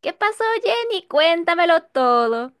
¿Qué pasó, Jenny? Cuéntamelo todo.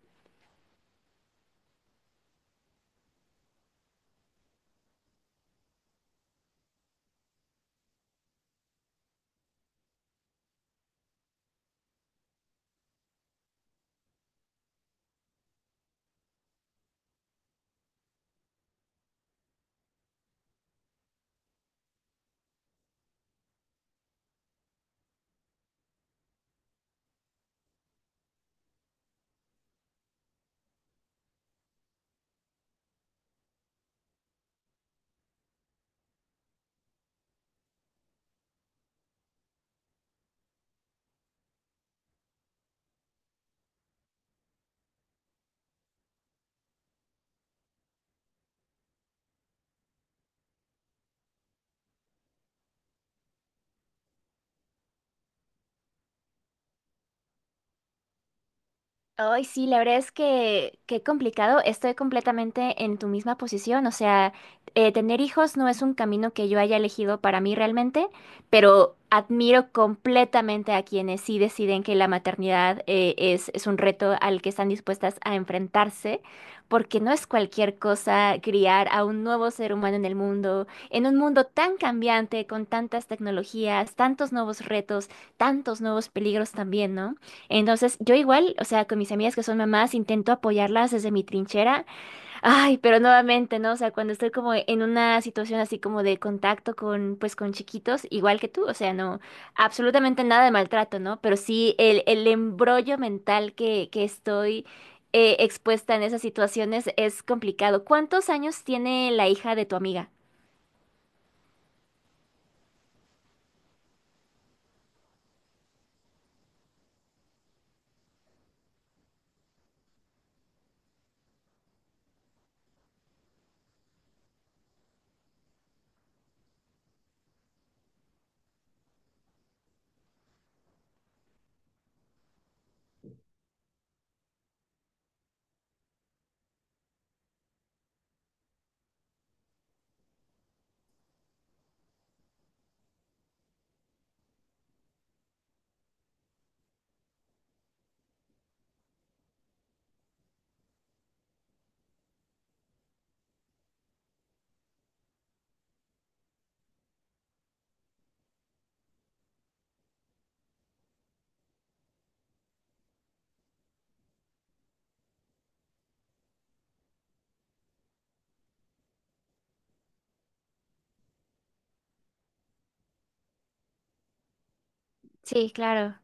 Ay, sí, la verdad es que qué complicado. Estoy completamente en tu misma posición. O sea, tener hijos no es un camino que yo haya elegido para mí realmente, pero admiro completamente a quienes sí deciden que la maternidad es un reto al que están dispuestas a enfrentarse, porque no es cualquier cosa criar a un nuevo ser humano en el mundo, en un mundo tan cambiante, con tantas tecnologías, tantos nuevos retos, tantos nuevos peligros también, ¿no? Entonces, yo igual, o sea, con mis amigas que son mamás, intento apoyarlas desde mi trinchera. Ay, pero nuevamente, ¿no? O sea, cuando estoy como en una situación así como de contacto con, pues, con chiquitos, igual que tú, o sea, no, absolutamente nada de maltrato, ¿no? Pero sí el embrollo mental que estoy expuesta en esas situaciones es complicado. ¿Cuántos años tiene la hija de tu amiga? Sí, claro.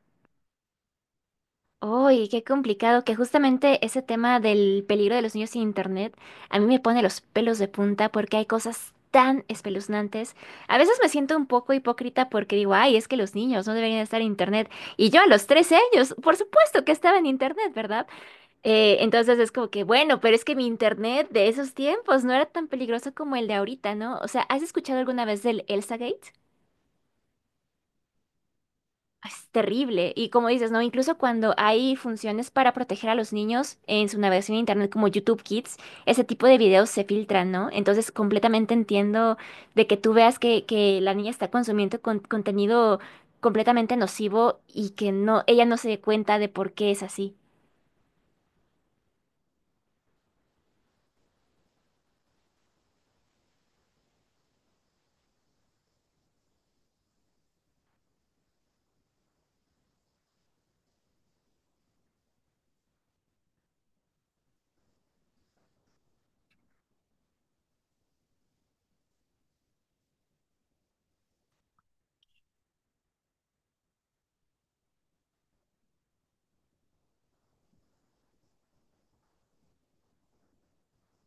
Uy, qué complicado, que justamente ese tema del peligro de los niños sin internet a mí me pone los pelos de punta porque hay cosas tan espeluznantes. A veces me siento un poco hipócrita porque digo, ay, es que los niños no deberían estar en internet. Y yo a los 13 años, por supuesto que estaba en internet, ¿verdad? Entonces es como que, bueno, pero es que mi internet de esos tiempos no era tan peligroso como el de ahorita, ¿no? O sea, ¿has escuchado alguna vez del Elsa Gate? Es terrible. Y como dices, ¿no? Incluso cuando hay funciones para proteger a los niños en su navegación en internet como YouTube Kids, ese tipo de videos se filtran, ¿no? Entonces completamente entiendo de que tú veas que la niña está consumiendo contenido completamente nocivo y que no, ella no se dé cuenta de por qué es así.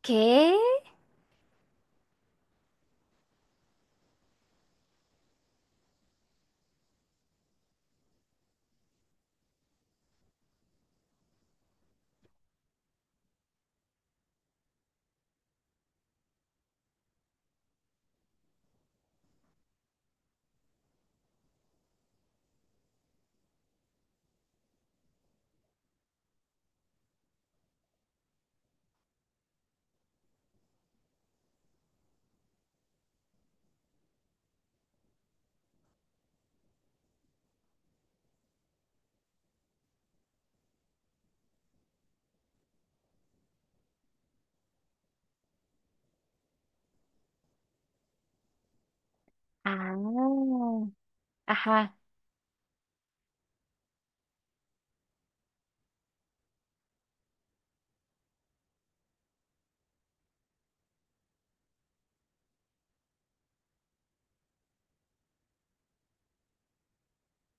¿Qué? Ah. Ajá.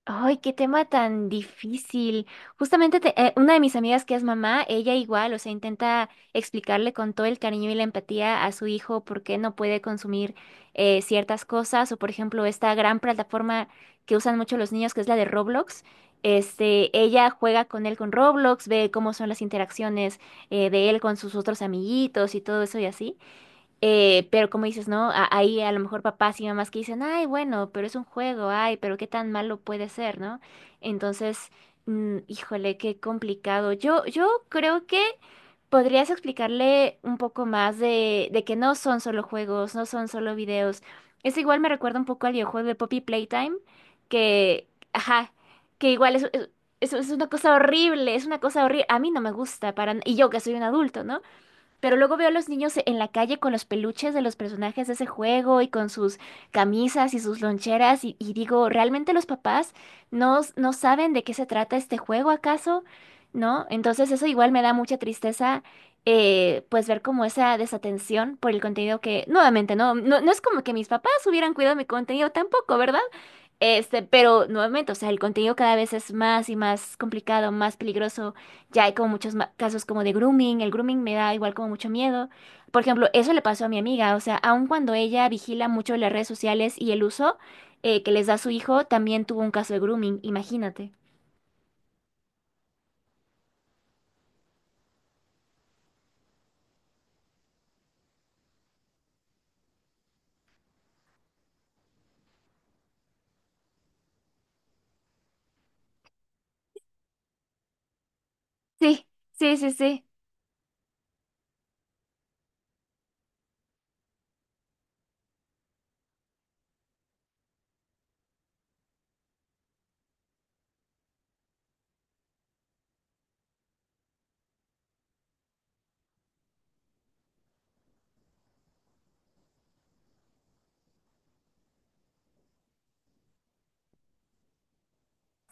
Ay, qué tema tan difícil. Justamente, una de mis amigas que es mamá, ella igual, o sea, intenta explicarle con todo el cariño y la empatía a su hijo por qué no puede consumir ciertas cosas, o por ejemplo, esta gran plataforma que usan mucho los niños, que es la de Roblox. Este, ella juega con él con Roblox, ve cómo son las interacciones de él con sus otros amiguitos y todo eso y así. Pero como dices, ¿no? Ahí a lo mejor papás y mamás que dicen, ay, bueno, pero es un juego, ay, pero qué tan malo puede ser, ¿no? Entonces, híjole, qué complicado. Yo creo que podrías explicarle un poco más de que no son solo juegos, no son solo videos. Es igual me recuerda un poco al videojuego de Poppy Playtime, que, ajá, que igual es una cosa horrible, es una cosa horrible. A mí no me gusta para, y yo que soy un adulto, ¿no? Pero luego veo a los niños en la calle con los peluches de los personajes de ese juego y con sus camisas y sus loncheras y digo, ¿realmente los papás no, no saben de qué se trata este juego acaso? ¿No? Entonces eso igual me da mucha tristeza, pues ver como esa desatención por el contenido que, nuevamente, no es como que mis papás hubieran cuidado mi contenido tampoco, ¿verdad? Este, pero nuevamente, o sea, el contenido cada vez es más y más complicado, más peligroso ya hay como muchos casos como de grooming. El grooming me da igual como mucho miedo. Por ejemplo, eso le pasó a mi amiga. O sea, aun cuando ella vigila mucho las redes sociales y el uso que les da su hijo, también tuvo un caso de grooming, imagínate. Sí, sí, sí, sí.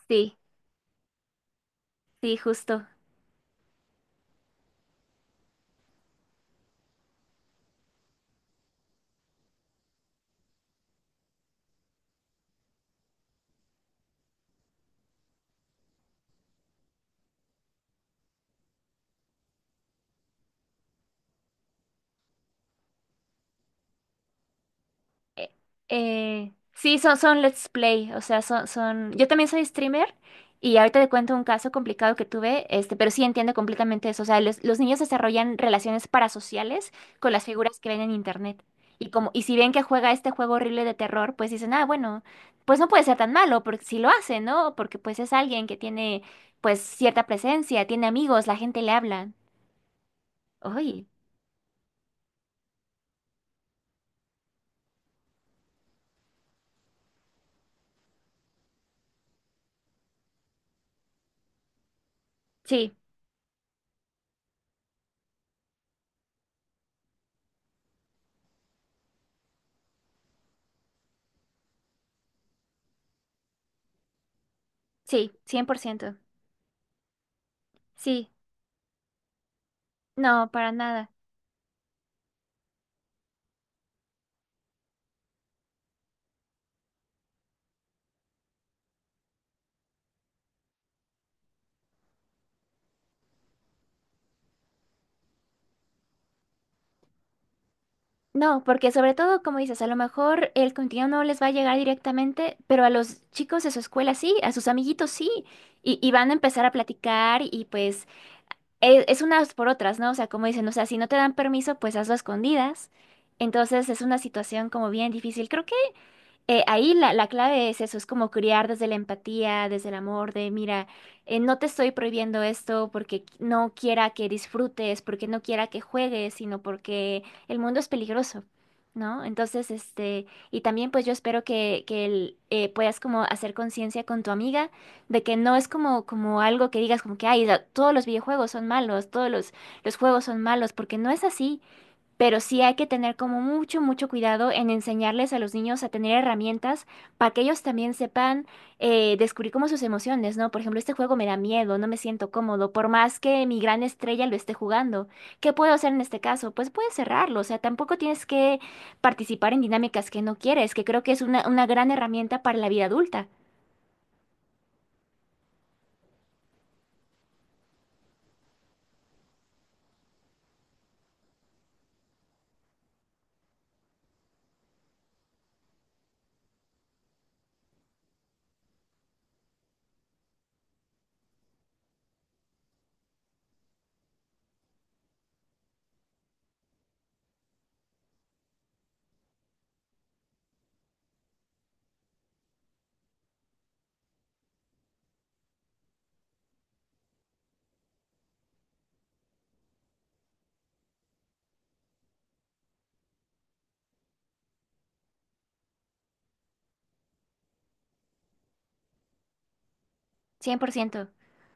Sí, sí, justo. Eh, sí, son Let's Play, o sea, son... Yo también soy streamer y ahorita te cuento un caso complicado que tuve, este, pero sí entiendo completamente eso. O sea, los niños desarrollan relaciones parasociales con las figuras que ven en internet. Y como, y si ven que juega este juego horrible de terror, pues dicen, ah, bueno, pues no puede ser tan malo, porque si lo hace, ¿no? Porque pues es alguien que tiene, pues, cierta presencia, tiene amigos, la gente le habla. Uy, sí, sí, 100%. Sí, no, para nada. No, porque sobre todo, como dices, a lo mejor el contenido no les va a llegar directamente, pero a los chicos de su escuela sí, a sus amiguitos sí, y van a empezar a platicar y pues es, unas por otras, ¿no? O sea, como dicen, o sea, si no te dan permiso, pues hazlo a escondidas. Entonces es una situación como bien difícil. Creo ahí la clave es eso, es como criar desde la empatía, desde el amor, de mira, no te estoy prohibiendo esto porque no quiera que disfrutes, porque no quiera que juegues, sino porque el mundo es peligroso, ¿no? Entonces, este, y también pues yo espero que puedas como hacer conciencia con tu amiga de que no es como, como algo que digas como que, ay, todos los videojuegos son malos, los juegos son malos, porque no es así. Pero sí hay que tener como mucho, mucho cuidado en enseñarles a los niños a tener herramientas para que ellos también sepan descubrir como sus emociones, ¿no? Por ejemplo, este juego me da miedo, no me siento cómodo, por más que mi gran estrella lo esté jugando. ¿Qué puedo hacer en este caso? Pues puedes cerrarlo, o sea, tampoco tienes que participar en dinámicas que no quieres, que creo que es una gran herramienta para la vida adulta. 100%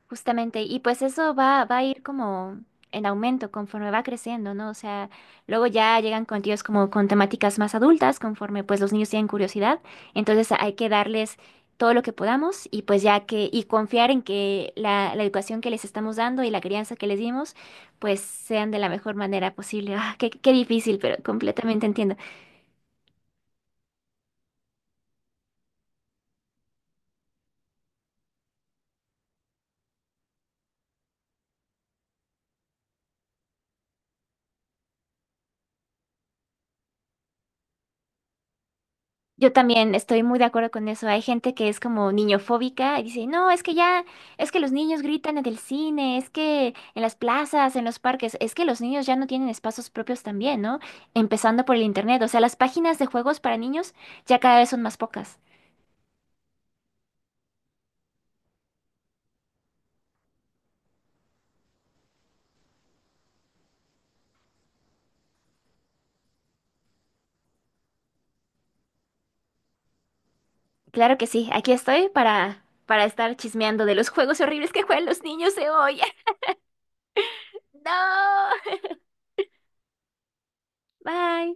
justamente. Y pues eso va, va a ir como en aumento conforme va creciendo, ¿no? O sea, luego ya llegan contenidos como con temáticas más adultas, conforme pues los niños tienen curiosidad. Entonces hay que darles todo lo que podamos y pues ya que, y confiar en que la educación que les estamos dando y la crianza que les dimos, pues sean de la mejor manera posible. Ah, qué, qué difícil, pero completamente entiendo. Yo también estoy muy de acuerdo con eso. Hay gente que es como niñofóbica y dice, no, es que ya, es que los niños gritan en el cine, es que en las plazas, en los parques, es que los niños ya no tienen espacios propios también, ¿no? Empezando por el internet. O sea, las páginas de juegos para niños ya cada vez son más pocas. Claro que sí, aquí estoy para estar chismeando de los juegos horribles que juegan los niños de hoy. No, bye.